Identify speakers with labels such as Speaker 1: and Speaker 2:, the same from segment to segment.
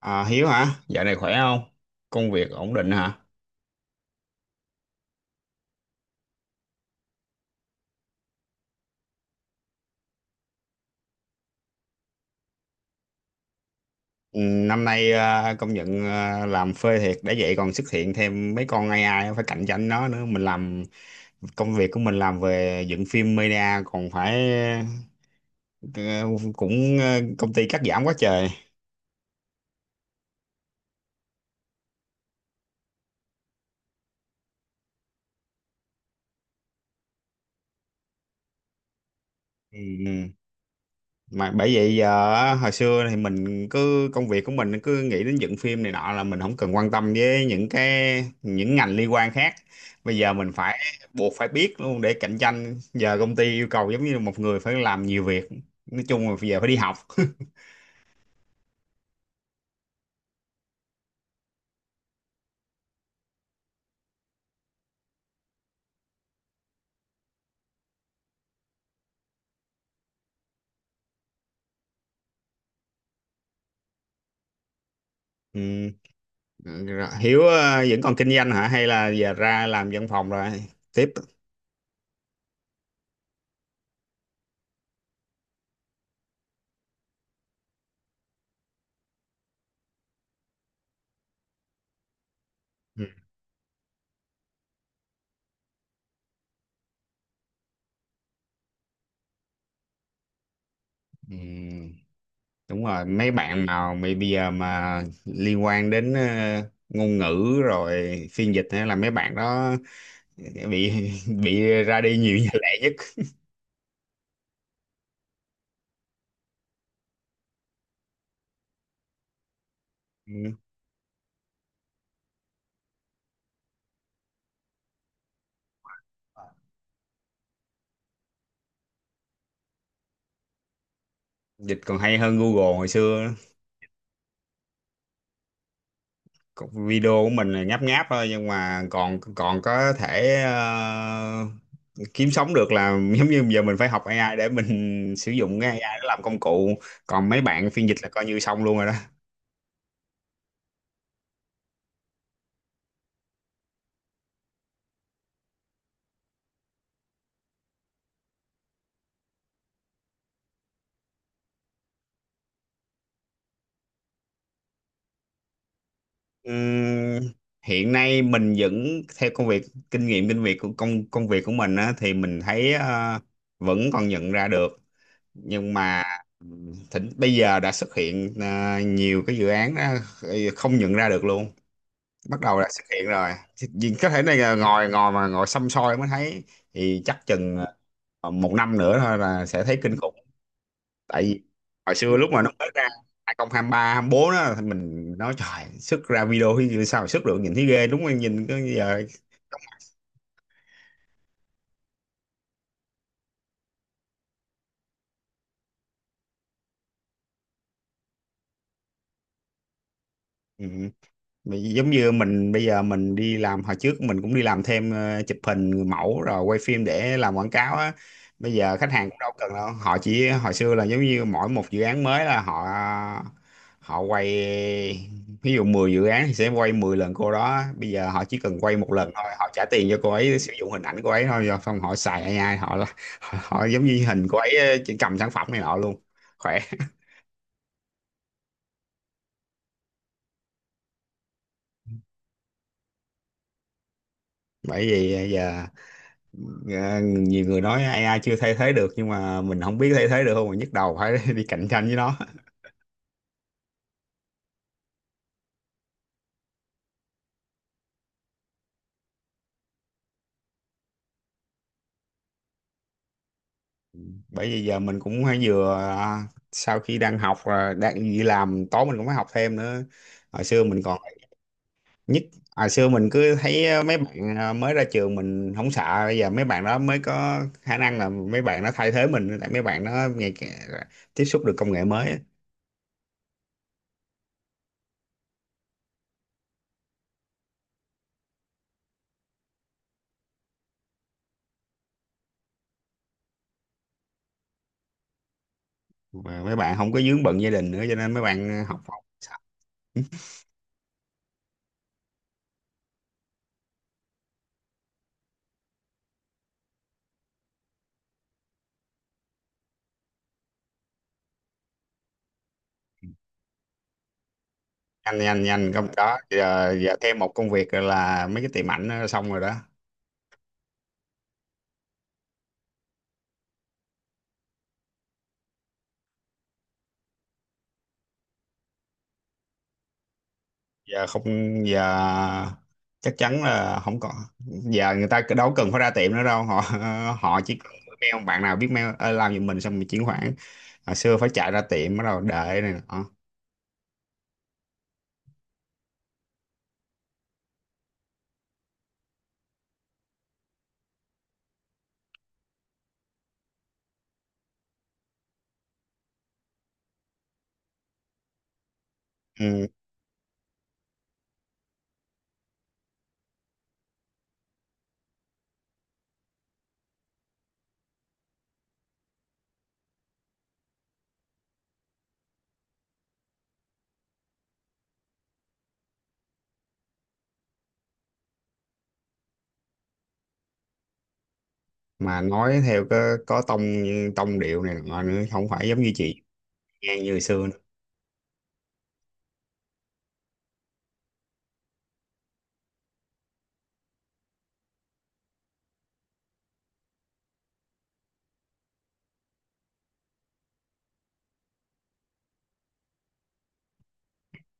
Speaker 1: À, Hiếu hả? Dạo này khỏe không? Công việc ổn định hả? Ừ, năm nay công nhận làm phê thiệt để vậy còn xuất hiện thêm mấy con AI phải cạnh tranh nó nữa. Mình làm Công việc của mình làm về dựng phim media còn phải, ờ, cũng, công ty cắt giảm quá trời. Ừ. Mà bởi vậy giờ, hồi xưa thì mình cứ công việc của mình cứ nghĩ đến dựng phim này nọ là mình không cần quan tâm với những cái, những ngành liên quan khác. Bây giờ mình phải, buộc phải biết luôn để cạnh tranh. Giờ công ty yêu cầu giống như một người phải làm nhiều việc, nói chung là bây giờ phải đi học. Ừ. Rồi, Hiếu vẫn còn kinh doanh hả, hay là giờ ra làm văn phòng rồi tiếp? Ừ. Ừ, đúng rồi, mấy bạn mà mày bây giờ mà liên quan đến ngôn ngữ rồi phiên dịch hay là mấy bạn đó bị bị ra đi nhiều nhà lẻ nhất. Ừ. Dịch còn hay hơn Google hồi xưa nữa. Còn video của mình là nháp nháp thôi, nhưng mà còn còn có thể, kiếm sống được là, giống như giờ mình phải học AI để mình sử dụng cái AI để làm công cụ, còn mấy bạn phiên dịch là coi như xong luôn rồi đó. Ừm, Hiện nay mình vẫn theo công việc, kinh nghiệm kinh việc của công công việc của mình á, thì mình thấy vẫn còn nhận ra được, nhưng mà bây giờ đã xuất hiện nhiều cái dự án đó, không nhận ra được luôn, bắt đầu đã xuất hiện rồi. Thì vì có thể này là ngồi ngồi mà ngồi xăm soi mới thấy, thì chắc chừng một năm nữa thôi là sẽ thấy kinh khủng. Tại vì hồi xưa lúc mà nó mới ra 2023, bốn đó thì mình nói trời, sức ra video thì sao mà xuất được, nhìn thấy ghê đúng không, nhìn có giờ. Ừ. Vì giống như mình bây giờ mình đi làm, hồi trước mình cũng đi làm thêm chụp hình người mẫu rồi quay phim để làm quảng cáo á. Bây giờ khách hàng cũng đâu cần đâu, họ chỉ, hồi xưa là giống như mỗi một dự án mới là họ họ quay, ví dụ 10 dự án thì sẽ quay 10 lần cô đó, bây giờ họ chỉ cần quay một lần thôi, họ trả tiền cho cô ấy sử dụng hình ảnh cô ấy thôi, rồi xong họ xài AI, họ họ, họ giống như hình cô ấy chỉ cầm sản phẩm này nọ luôn, khỏe. Bởi vì giờ, dạ, nhiều người nói AI chưa thay thế được, nhưng mà mình không biết thay thế được không mà nhức đầu phải đi cạnh tranh với nó. Bởi vì giờ mình cũng hay vừa, sau khi đang học, đang đi làm tối mình cũng phải học thêm nữa. Hồi xưa mình còn nhất, hồi xưa mình cứ thấy mấy bạn, mới ra trường mình không sợ, bây giờ mấy bạn đó mới có khả năng là mấy bạn nó thay thế mình, tại mấy bạn nó ngày càng tiếp xúc được công nghệ mới á. Mà mấy bạn không có vướng bận gia đình nữa cho nên mấy bạn học học nhanh nhanh nhanh, không có giờ, giờ thêm một công việc là mấy cái tiệm ảnh nó xong rồi đó. Giờ không, giờ chắc chắn là không có, giờ người ta đâu cần phải ra tiệm nữa đâu, họ họ chỉ cần mail, bạn nào biết mail làm giùm mình xong mình chuyển khoản, hồi xưa phải chạy ra tiệm bắt đầu đợi này nọ. Ừ. Mà nói theo có tông tông điệu này nọ nữa, không phải giống như chị nghe như hồi xưa nữa.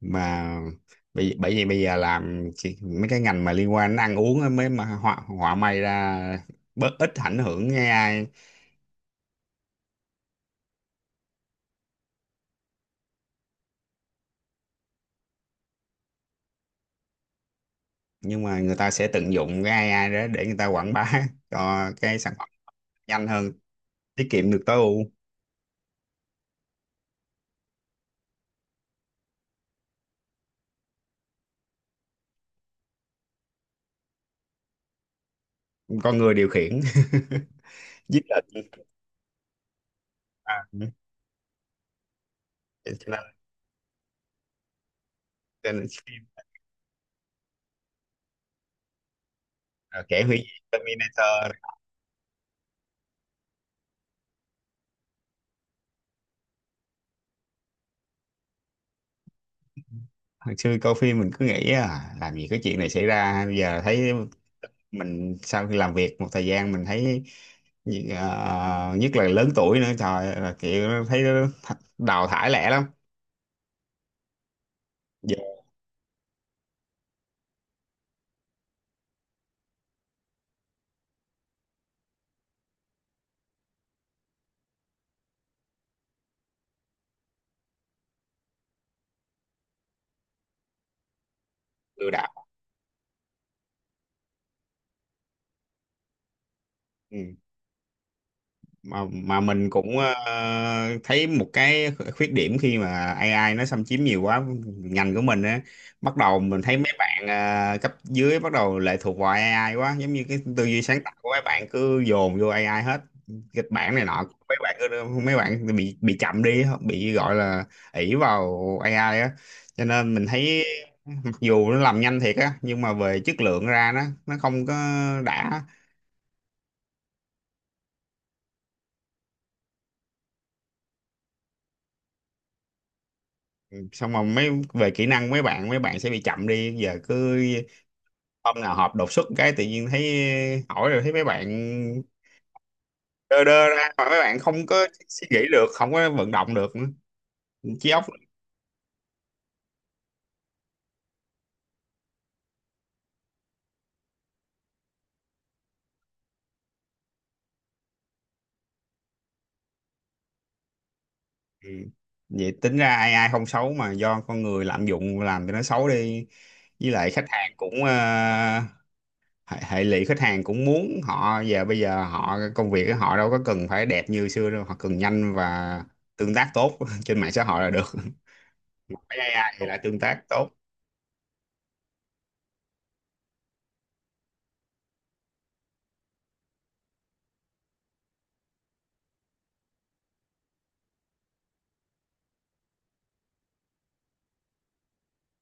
Speaker 1: Mà bởi bởi vì bây giờ làm mấy cái ngành mà liên quan đến ăn uống á mới, mà họa họa may ra bớt ít ảnh hưởng cái AI. Nhưng mà người ta sẽ tận dụng cái AI đó để người ta quảng bá cho cái sản phẩm nhanh hơn, tiết kiệm được, tối ưu. Con người điều khiển. Giết lệnh, à, cho nên phim, kẻ hủy diệt Terminator. Hồi xưa coi phim mình cứ nghĩ làm gì cái chuyện này xảy ra, bây giờ thấy mình, sau khi làm việc một thời gian mình thấy, nhất là lớn tuổi nữa, trời ơi, là kiểu thấy nó đào thải lẻ lắm. Giờ lừa đảo. Ừ. Mà mình cũng thấy một cái khuyết điểm khi mà AI nó xâm chiếm nhiều quá ngành của mình á. Bắt đầu mình thấy mấy bạn cấp dưới bắt đầu lệ thuộc vào AI quá, giống như cái tư duy sáng tạo của mấy bạn cứ dồn vô AI hết, kịch bản này nọ mấy bạn cứ, mấy bạn bị chậm đi, bị gọi là ỷ vào AI á, cho nên mình thấy mặc dù nó làm nhanh thiệt á nhưng mà về chất lượng ra nó không có đã. Xong rồi mấy về kỹ năng mấy bạn, mấy bạn sẽ bị chậm đi, giờ cứ hôm nào họp đột xuất cái tự nhiên thấy hỏi, rồi thấy mấy bạn đơ đơ ra mà mấy bạn không có suy nghĩ được, không có vận động được nữa. Trí óc. Ừ. Vậy tính ra AI, AI không xấu mà do con người lạm dụng làm cho nó xấu đi. Với lại khách hàng cũng hệ lụy, khách hàng cũng muốn họ giờ, bây giờ họ công việc của họ đâu có cần phải đẹp như xưa đâu, họ cần nhanh và tương tác tốt trên mạng xã hội là được. Với AI thì lại tương tác tốt.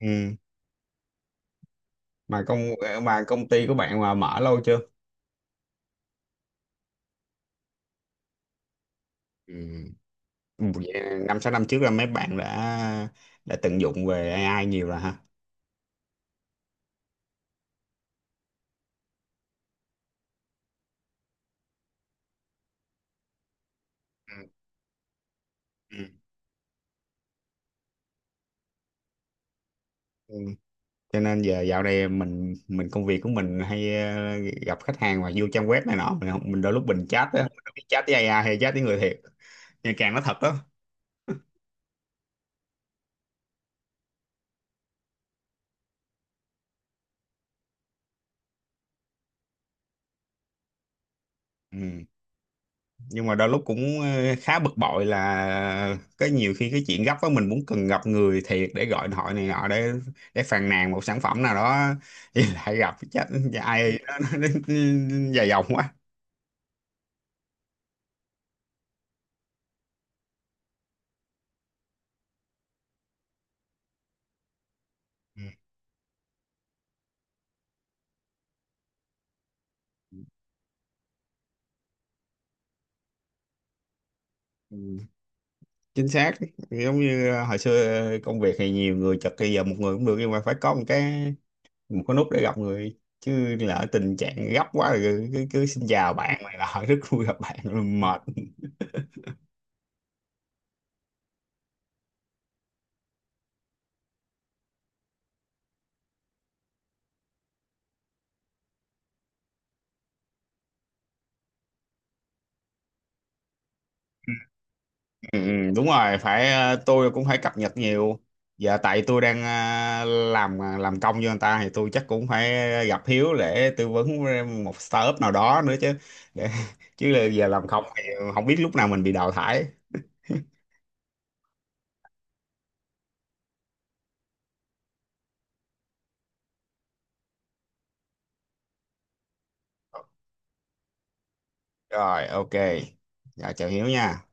Speaker 1: Ừ. mà công mà công ty của bạn mà mở lâu chưa? Ừ. Vậy năm sáu năm trước là mấy bạn đã, tận dụng về AI nhiều rồi ha? Ừ. Ừ. Ừ. Cho nên giờ dạo này mình công việc của mình hay gặp khách hàng mà vô trang web này nọ mình không, mình đôi lúc mình chat á, mình không biết chat với AI hay chat với người thiệt, nhưng càng nó thật đó. Ừ. Nhưng mà đôi lúc cũng khá bực bội là cái, nhiều khi cái chuyện gấp á mình muốn cần gặp người thiệt để gọi điện thoại này nọ để phàn nàn một sản phẩm nào đó thì lại gặp chắc ai nó dài dòng quá. Ừ. Ừ, chính xác. Giống như hồi xưa công việc thì nhiều người chật, bây giờ một người cũng được, nhưng mà phải có một cái, một cái nút để gặp người chứ, lỡ tình trạng gấp quá rồi cứ xin chào bạn này là rất vui gặp bạn rồi mệt. Ừ, ừ, đúng rồi phải, tôi cũng phải cập nhật nhiều. Giờ tại tôi đang, làm công cho người ta thì tôi chắc cũng phải gặp Hiếu để tư vấn một startup nào đó nữa chứ, để, chứ là giờ làm không thì không biết lúc nào mình bị đào thải. Rồi, ok, dạ chào Hiếu nha.